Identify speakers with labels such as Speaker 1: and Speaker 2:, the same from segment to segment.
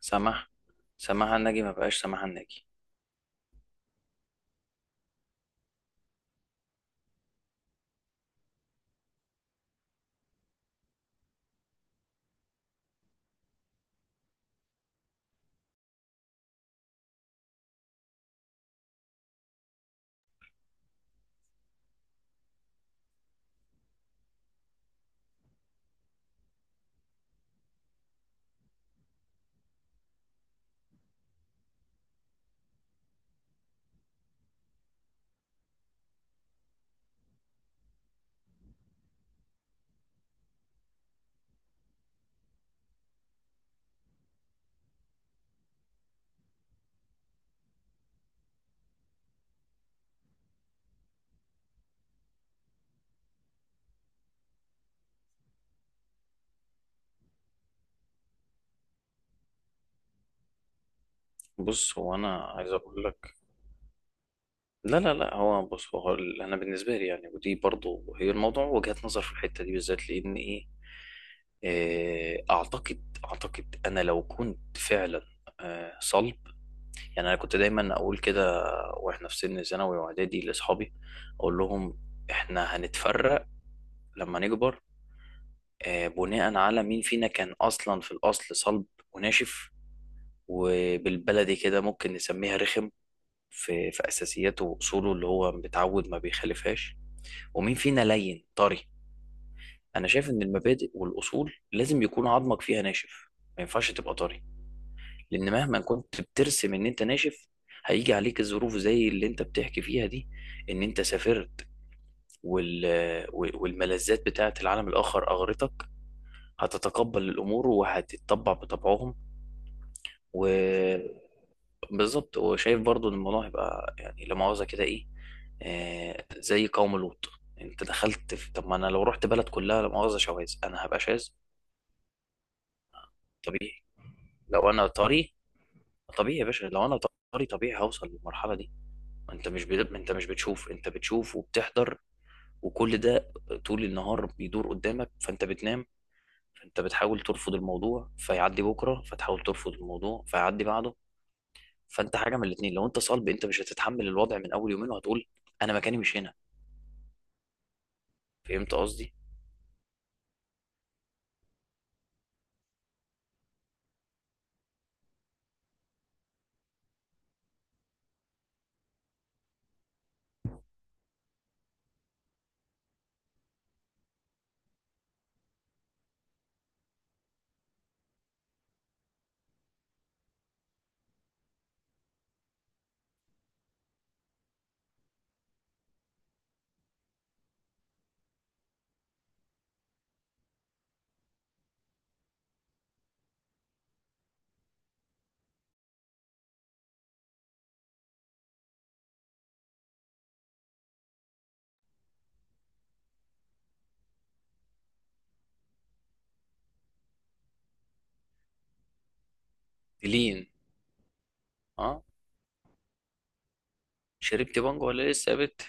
Speaker 1: سماح سماح الناجي، ما بقاش سماح الناجي. بص، هو انا عايز اقول لك. لا لا لا، هو بص، هو انا بالنسبه لي، يعني ودي برضو هي الموضوع وجهة نظر في الحته دي بالذات، لان ايه، اعتقد انا لو كنت فعلا صلب. يعني انا كنت دايما اقول كده، واحنا في سن ثانوي واعدادي لاصحابي، اقول لهم احنا هنتفرق لما نكبر، بناء على مين فينا كان اصلا في الاصل صلب وناشف، وبالبلدي كده ممكن نسميها رخم، في اساسياته واصوله اللي هو متعود ما بيخالفهاش، ومين فينا لين طري. انا شايف ان المبادئ والاصول لازم يكون عظمك فيها ناشف، ما ينفعش تبقى طري، لان مهما كنت بترسم ان انت ناشف، هيجي عليك الظروف زي اللي انت بتحكي فيها دي، ان انت سافرت وال... والملذات بتاعه العالم الاخر اغرتك، هتتقبل الامور وهتتطبع بطبعهم. و... بالظبط. وشايف برضو ان الموضوع هيبقى يعني لا مؤاخذة كده ايه، زي قوم لوط. انت دخلت في. طب ما انا لو رحت بلد كلها لا مؤاخذة شواذ، انا هبقى شاذ طبيعي. لو انا طري طبيعي يا باشا، لو انا طري طبيعي هوصل للمرحلة دي. ما انت مش بد... ما انت مش بتشوف، انت بتشوف وبتحضر، وكل ده طول النهار بيدور قدامك، فانت بتنام، فانت بتحاول ترفض الموضوع فيعدي بكرة، فتحاول ترفض الموضوع فيعدي بعده. فانت حاجة من الاتنين، لو انت صلب انت مش هتتحمل الوضع من اول يومين، وهتقول انا مكاني مش هنا. فهمت قصدي؟ تلين. اه. شربت بانجو ولا لسه يا بت؟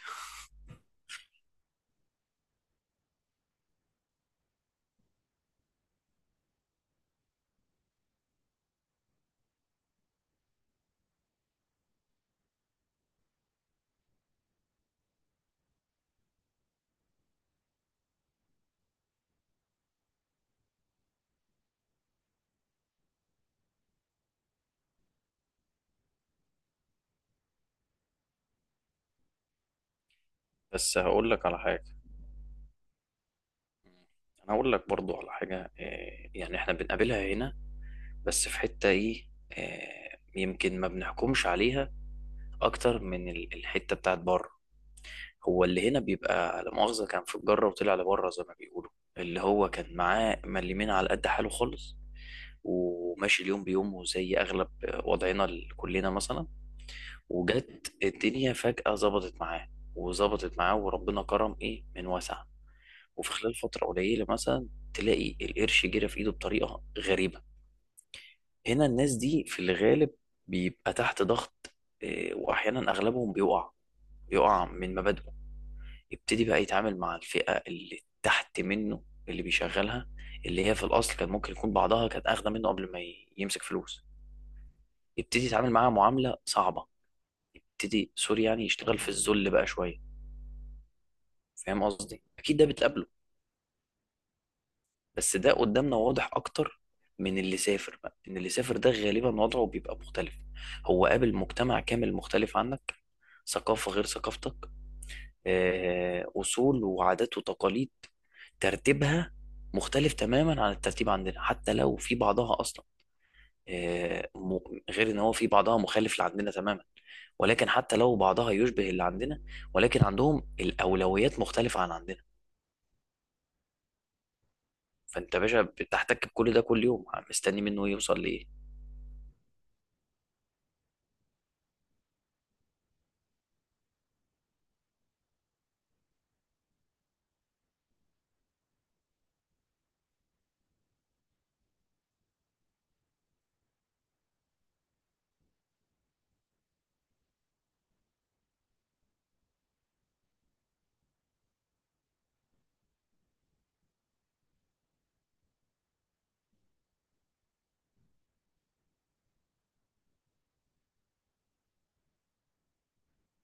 Speaker 1: بس هقول لك على حاجة، انا هقول لك برضو على حاجة، يعني احنا بنقابلها هنا، بس في حتة ايه، يمكن ما بنحكمش عليها اكتر من الحتة بتاعت بره. هو اللي هنا بيبقى لا مؤاخذة كان في الجرة وطلع لبره زي ما بيقولوا، اللي هو كان معاه مليمين على قد حاله خالص، وماشي اليوم بيومه زي اغلب وضعنا كلنا مثلا، وجت الدنيا فجأة ظبطت معاه، وظبطت معاه، وربنا كرم ايه من واسع، وفي خلال فترة قليلة مثلا تلاقي القرش جرى في ايده بطريقة غريبة. هنا الناس دي في الغالب بيبقى تحت ضغط، إيه، واحيانا اغلبهم بيقع، بيقع من مبادئه، يبتدي بقى يتعامل مع الفئة اللي تحت منه، اللي بيشغلها، اللي هي في الاصل كان ممكن يكون بعضها كانت اخده منه قبل ما يمسك فلوس، يبتدي يتعامل معاها معاملة صعبة، يبتدي سوري، يعني يشتغل في الذل بقى شوية. فاهم قصدي؟ اكيد ده بتقابله، بس ده قدامنا واضح اكتر من اللي سافر بقى. ان اللي سافر ده غالبا وضعه بيبقى مختلف، هو قابل مجتمع كامل مختلف عنك، ثقافة غير ثقافتك، أصول وعادات وتقاليد ترتيبها مختلف تماما عن الترتيب عندنا، حتى لو في بعضها أصلا، آه، م- غير إن هو في بعضها مخالف لعندنا تماما، ولكن حتى لو بعضها يشبه اللي عندنا، ولكن عندهم الأولويات مختلفة عن عندنا. فانت يا باشا بتحتك بكل ده كل يوم مستني منه يوصل لايه؟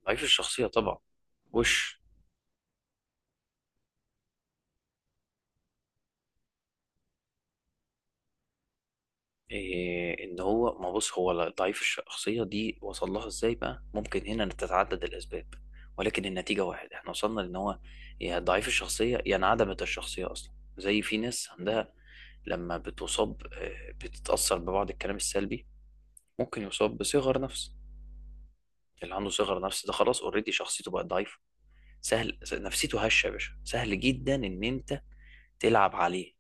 Speaker 1: ضعيف الشخصيه طبعا. وش. إيه ان هو ما بص، هو ضعيف الشخصيه دي وصل لها ازاي بقى؟ ممكن هنا تتعدد الاسباب، ولكن النتيجه واحد. احنا وصلنا لان هو يا ضعيف الشخصيه يا انعدمت الشخصيه اصلا. زي في ناس عندها لما بتصاب بتتاثر ببعض الكلام السلبي، ممكن يصاب بصغر نفس. اللي عنده صغر نفس ده خلاص اوريدي شخصيته بقت ضعيفه. سهل نفسيته هشه يا باشا، سهل جدا ان انت تلعب عليه.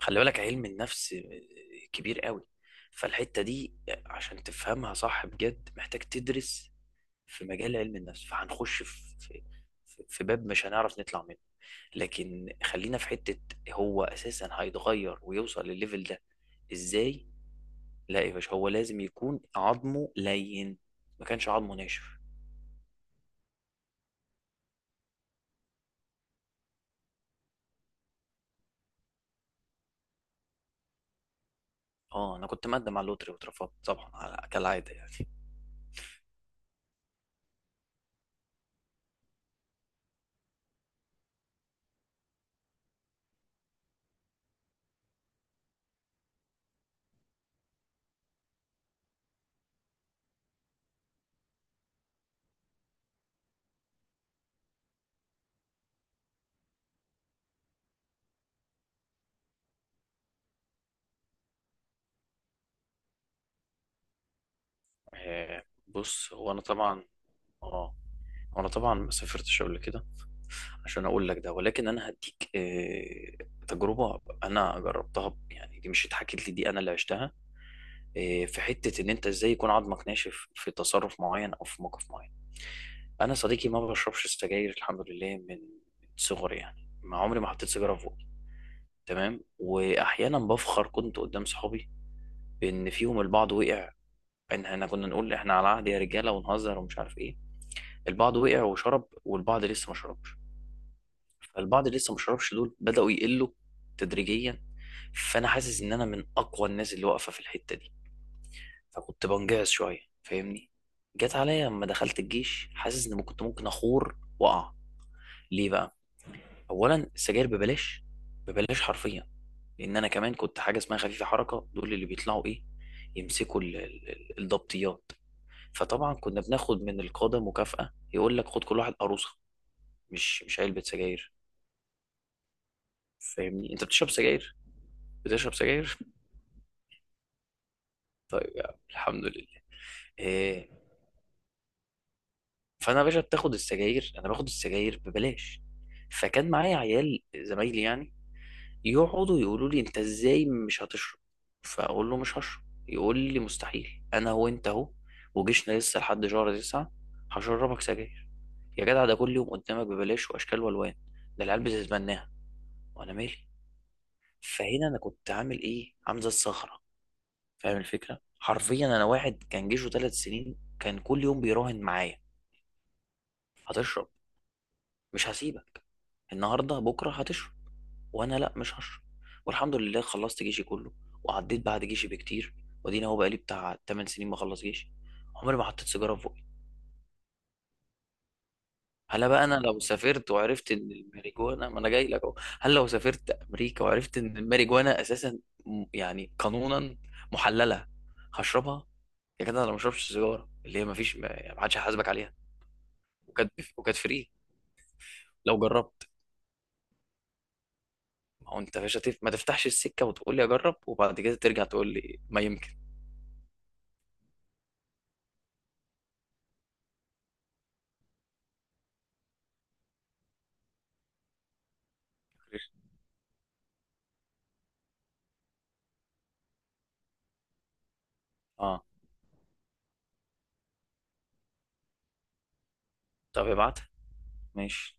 Speaker 1: خلي بالك، علم النفس كبير قوي، فالحتة دي عشان تفهمها صح بجد محتاج تدرس في مجال علم النفس، فهنخش في في باب مش هنعرف نطلع منه. لكن خلينا في حتة، هو أساسا هيتغير ويوصل للليفل ده إزاي؟ لا يا باشا، هو لازم يكون عظمه لين، ما كانش عظمه ناشف. اه، انا كنت مقدم على اللوتري واترفضت طبعا، كالعادة يعني. بص، هو انا طبعا. اه. وانا طبعا ما سافرتش قبل كده عشان اقول لك ده، ولكن انا هديك تجربه انا جربتها يعني، دي مش اتحكت لي، دي انا اللي عشتها. في حته ان انت ازاي يكون عظمك ناشف في تصرف معين او في موقف معين. انا صديقي ما بشربش سجاير، الحمد لله، من صغري، يعني ما عمري ما حطيت سيجاره في بوقي. تمام. واحيانا بفخر كنت قدام صحابي، بان فيهم البعض وقع، ان احنا كنا نقول احنا على عهد يا رجاله، ونهزر ومش عارف ايه. البعض وقع وشرب، والبعض لسه ما شربش، فالبعض اللي لسه ما شربش دول بدأوا يقلوا تدريجيا. فانا حاسس ان انا من اقوى الناس اللي واقفه في الحته دي، فكنت بنجعص شويه، فاهمني؟ جت عليا لما دخلت الجيش، حاسس ان كنت ممكن اخور واقع. ليه بقى؟ اولا، السجاير ببلاش، ببلاش حرفيا، لان انا كمان كنت حاجه اسمها خفيفه حركه، دول اللي بيطلعوا ايه، يمسكوا الضبطيات. فطبعا كنا بناخد من القاده مكافاه، يقول لك خد كل واحد قروصه، مش علبه سجاير. فاهمني؟ انت بتشرب سجاير؟ بتشرب سجاير. طيب يا عم الحمد لله. إيه؟ فانا يا باشا بتاخد السجاير، انا باخد السجاير ببلاش. فكان معايا عيال زمايلي يعني يقعدوا يقولوا لي انت ازاي مش هتشرب، فاقول له مش هشرب. يقول لي مستحيل، انا هو انت اهو، وجيشنا لسه لحد شهر تسعة، هشربك سجاير. يا جدع، ده كل يوم قدامك ببلاش واشكال والوان، ده العيال بتتمناها، وانا مالي؟ فهنا انا كنت عامل ايه؟ عامل زي الصخره. فاهم الفكره؟ حرفيا انا واحد كان جيشه ثلاث سنين كان كل يوم بيراهن معايا، هتشرب، مش هسيبك، النهارده بكره هتشرب، وانا لا مش هشرب. والحمد لله خلصت جيشي كله، وعديت بعد جيشي بكتير، وادينا هو بقالي بتاع 8 سنين بخلص جيشي، عمري ما حطيت سيجاره في بوقي. هلا بقى، انا لو سافرت وعرفت ان الماريجوانا، ما انا جاي لك اهو، هل لو سافرت امريكا وعرفت ان الماريجوانا اساسا يعني قانونا محلله، هشربها؟ يا جدع انا ما بشربش سيجاره اللي هي ما فيش، ما حدش هيحاسبك عليها. وكانت وكانت فري لو جربت. ما هو انت يا باشا ما تفتحش السكه وتقول لي اجرب، وبعد كده ترجع تقول لي ما يمكن. اه. طب ابعتها. ماشي.